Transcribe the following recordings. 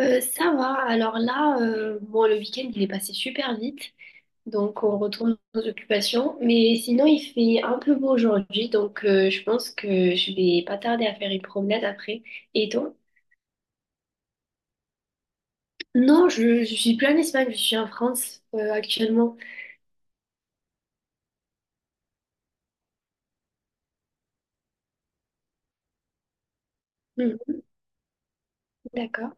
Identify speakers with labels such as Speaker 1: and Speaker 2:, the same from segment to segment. Speaker 1: Ça va. Alors là, le week-end, il est passé super vite. Donc, on retourne aux occupations. Mais sinon, il fait un peu beau aujourd'hui. Donc, je pense que je vais pas tarder à faire une promenade après. Et toi? Non, je suis plus en Espagne. Je suis en France, actuellement. Mhm. D'accord.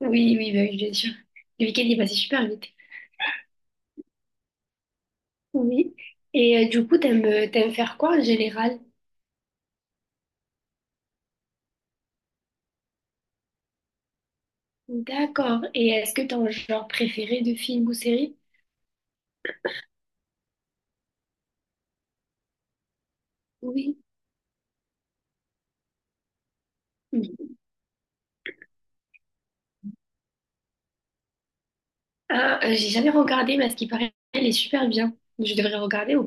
Speaker 1: Oui, oui, bah oui, bien sûr. Le week-end, il est passé super vite. Oui. Et du coup, t'aimes faire quoi en général? D'accord. Et est-ce que t'as un genre préféré de film ou série? Oui. J'ai jamais regardé, mais à ce qui paraît, elle est super bien. Je devrais regarder ou…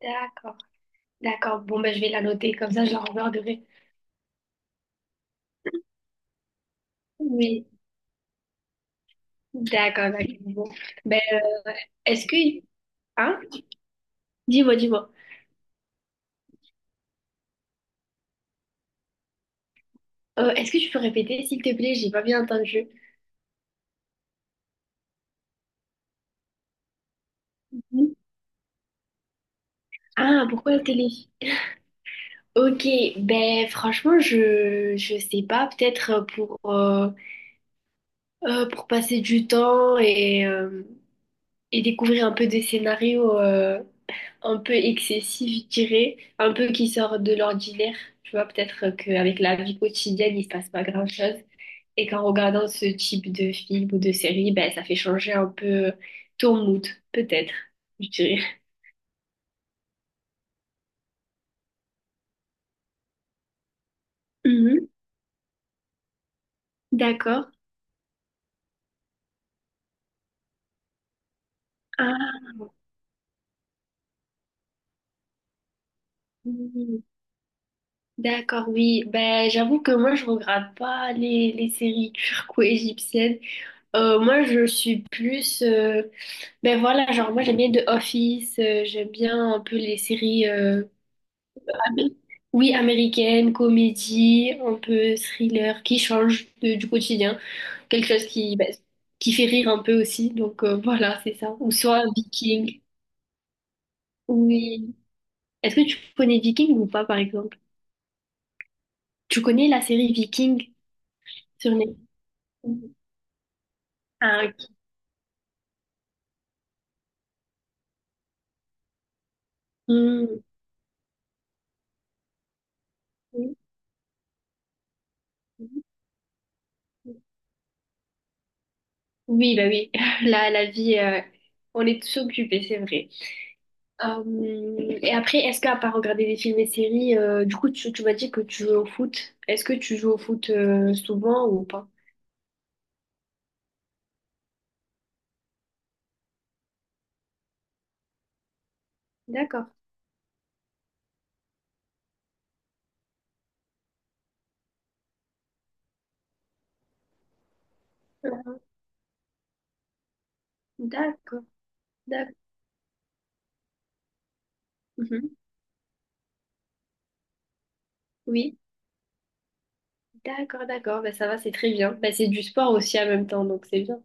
Speaker 1: D'accord, d'accord. Bon, ben, je vais la noter, comme ça, je la regarderai. Oui. D'accord, d'accord. Bon. Ben, est-ce que… Hein? Dis-moi, dis-moi. Est-ce que tu peux répéter, s'il te plaît? J'ai pas bien entendu. Ah, pourquoi la télé? Ok, ben franchement, je sais pas, peut-être pour passer du temps et découvrir un peu des scénarios. Un peu excessif, je dirais, un peu qui sort de l'ordinaire. Tu vois, peut-être qu'avec la vie quotidienne, il se passe pas grand-chose. Et qu'en regardant ce type de film ou de série, ben, ça fait changer un peu ton mood, peut-être, je dirais. Mhm. D'accord. Ah, oui. D'accord, oui. Ben, j'avoue que moi, je regarde pas les séries turco-égyptiennes. Moi, je suis plus… ben voilà, genre moi, j'aime bien The Office, j'aime bien un peu les séries… Oui, américaine, comédie, un peu thriller, qui change du quotidien. Quelque chose qui, bah, qui fait rire un peu aussi. Donc voilà, c'est ça. Ou soit Viking. Oui. Est-ce que tu connais Viking ou pas, par exemple? Tu connais la série Viking sur Netflix? Ah, ok. Hmm. Oui, bah oui. La vie, on est tous occupés, c'est vrai. Et après, est-ce qu'à part regarder des films et séries, du coup, tu m'as dit que tu joues au foot. Est-ce que tu joues au foot souvent ou pas? D'accord. D'accord. D'accord. Mhm. Oui. D'accord, d'accord. Bah, ça va, c'est très bien. Bah, c'est du sport aussi en même temps, donc c'est bien.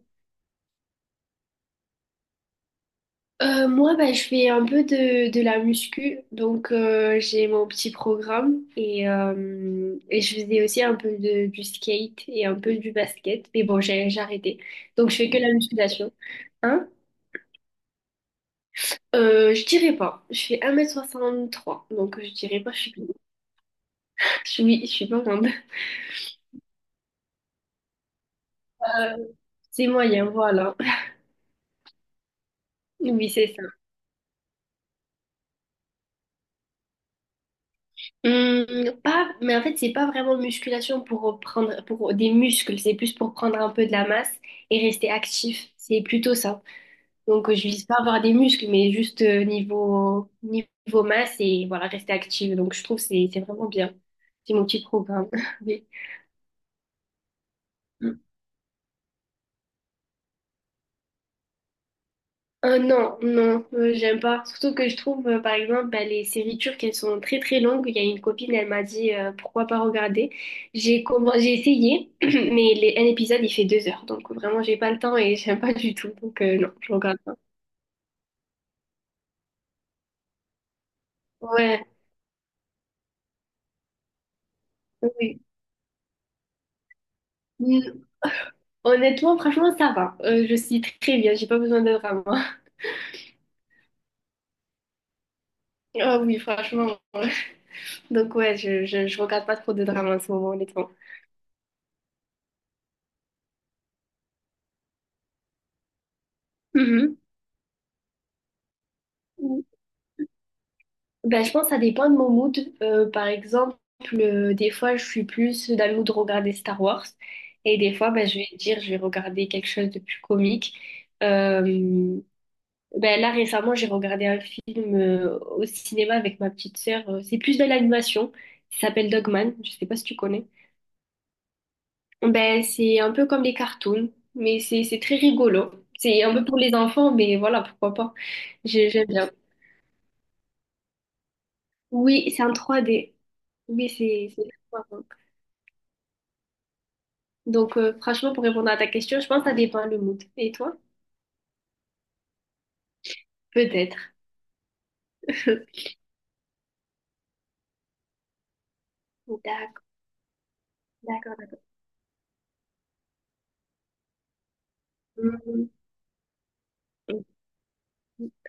Speaker 1: Moi, bah, je fais un peu de la muscu, donc j'ai mon petit programme et et je faisais aussi un peu du skate et un peu du basket, mais bon, j'ai arrêté. Donc je fais que la musculation. Hein. Je dirais pas. Je fais 1,63 m, donc je dirais pas, je suis, je suis pas grande. Euh, C'est moyen, voilà. Oui, c'est ça. Hum, pas, mais en fait, c'est pas vraiment musculation pour prendre pour des muscles, c'est plus pour prendre un peu de la masse et rester actif. C'est plutôt ça. Donc, je vise pas avoir des muscles, mais juste niveau, niveau masse et voilà, rester active. Donc, je trouve que c'est vraiment bien. C'est mon petit programme. Oui. Hum. Non, non, j'aime pas. Surtout que je trouve, par exemple, bah, les séries turques, elles sont très très longues. Il y a une copine, elle m'a dit pourquoi pas regarder. J'ai essayé, mais un épisode, il fait 2 heures. Donc vraiment, j'ai pas le temps et j'aime pas du tout. Donc non, je regarde pas. Ouais, oui. Mm, honnêtement, franchement, ça va. Je suis très bien, j'ai pas besoin de drama. Ah oui, franchement, ouais. Donc ouais, je regarde pas trop de drama en ce moment, honnêtement. Mhm. Ben, je pense que ça dépend de mon mood. Par exemple, des fois, je suis plus dans le mood de regarder Star Wars. Et des fois, ben, je vais regarder quelque chose de plus comique. Euh, ben, là, récemment, j'ai regardé un film au cinéma avec ma petite sœur. C'est plus de l'animation. Il s'appelle Dogman. Je sais pas si tu connais. Ben, c'est un peu comme les cartoons, mais c'est très rigolo. C'est un peu pour les enfants, mais voilà, pourquoi pas. J'aime bien. Oui, c'est en 3D. Oui, c'est très sympa. Donc, franchement, pour répondre à ta question, je pense que ça dépend le mood. Et toi? Peut-être. D'accord, d'accord, d'accord. Mhm.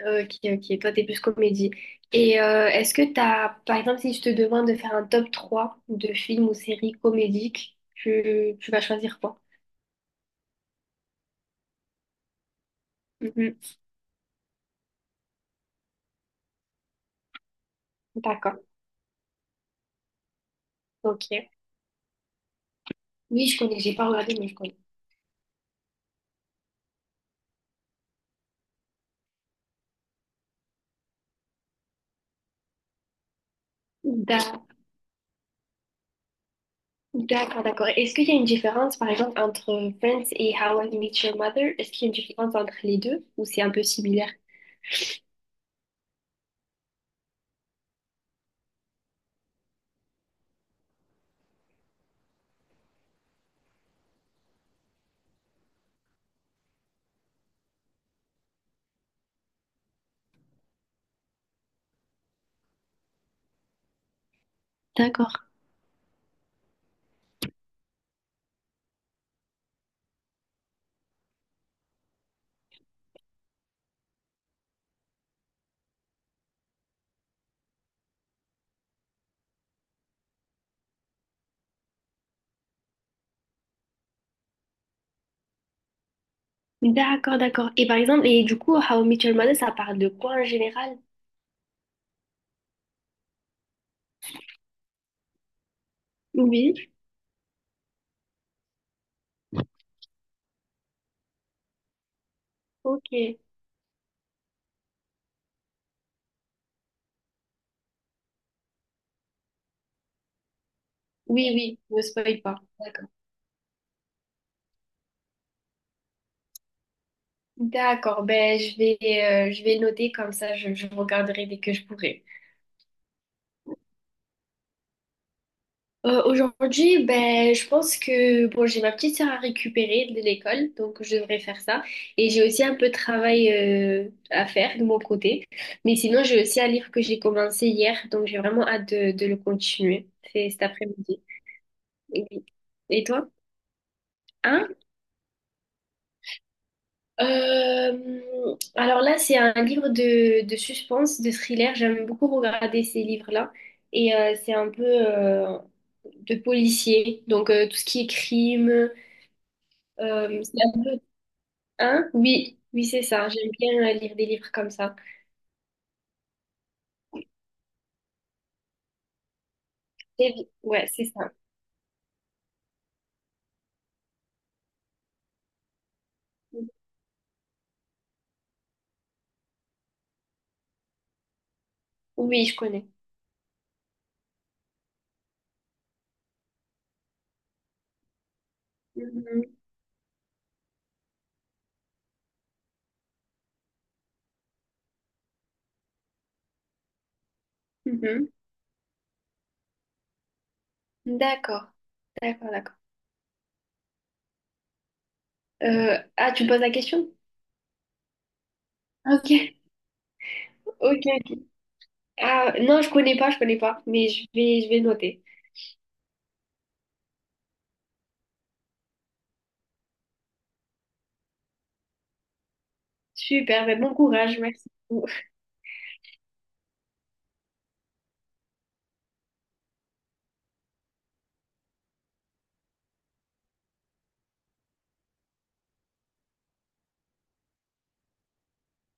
Speaker 1: Ok, ok. Toi, t'es plus comédie. Et est-ce que t'as, par exemple, si je te demande de faire un top 3 de films ou séries comédiques, tu vas choisir quoi? Mhm. D'accord, ok. Oui, je connais, j'ai pas regardé, mais je connais. D'a- D'accord, d'accord. Est-ce qu'il y a une différence, par exemple, entre Friends et How I Met Your Mother? Est-ce qu'il y a une différence entre les deux ou c'est un peu similaire? D'accord. D'accord, d'accord. Et par exemple, et du coup, How I Met Your Mother, ça parle de quoi en général? Oui. Ok. Oui, oui, ne spoil pas. D'accord. D'accord, ben je vais le noter comme ça je regarderai dès que je pourrai. Aujourd'hui, ben je pense que bon, j'ai ma petite sœur à récupérer de l'école, donc je devrais faire ça et j'ai aussi un peu de travail à faire de mon côté. Mais sinon, j'ai aussi un livre que j'ai commencé hier, donc j'ai vraiment hâte de le continuer. C'est cet après-midi. Et, et toi? Hein? Alors là, c'est un livre de suspense, de thriller. J'aime beaucoup regarder ces livres-là. Et c'est un peu de policier. Donc tout ce qui est crime, c'est un peu… Hein? Oui, oui, c'est ça. J'aime bien lire des livres comme ça. Ouais, c'est ça. Oui, je connais. Mhm, mhm. D'accord, d'accord, d'accord. Ah, tu me poses la question? Ok, ok, ok. Ah, non, je connais pas, mais je vais noter. Super, ben bon courage, merci.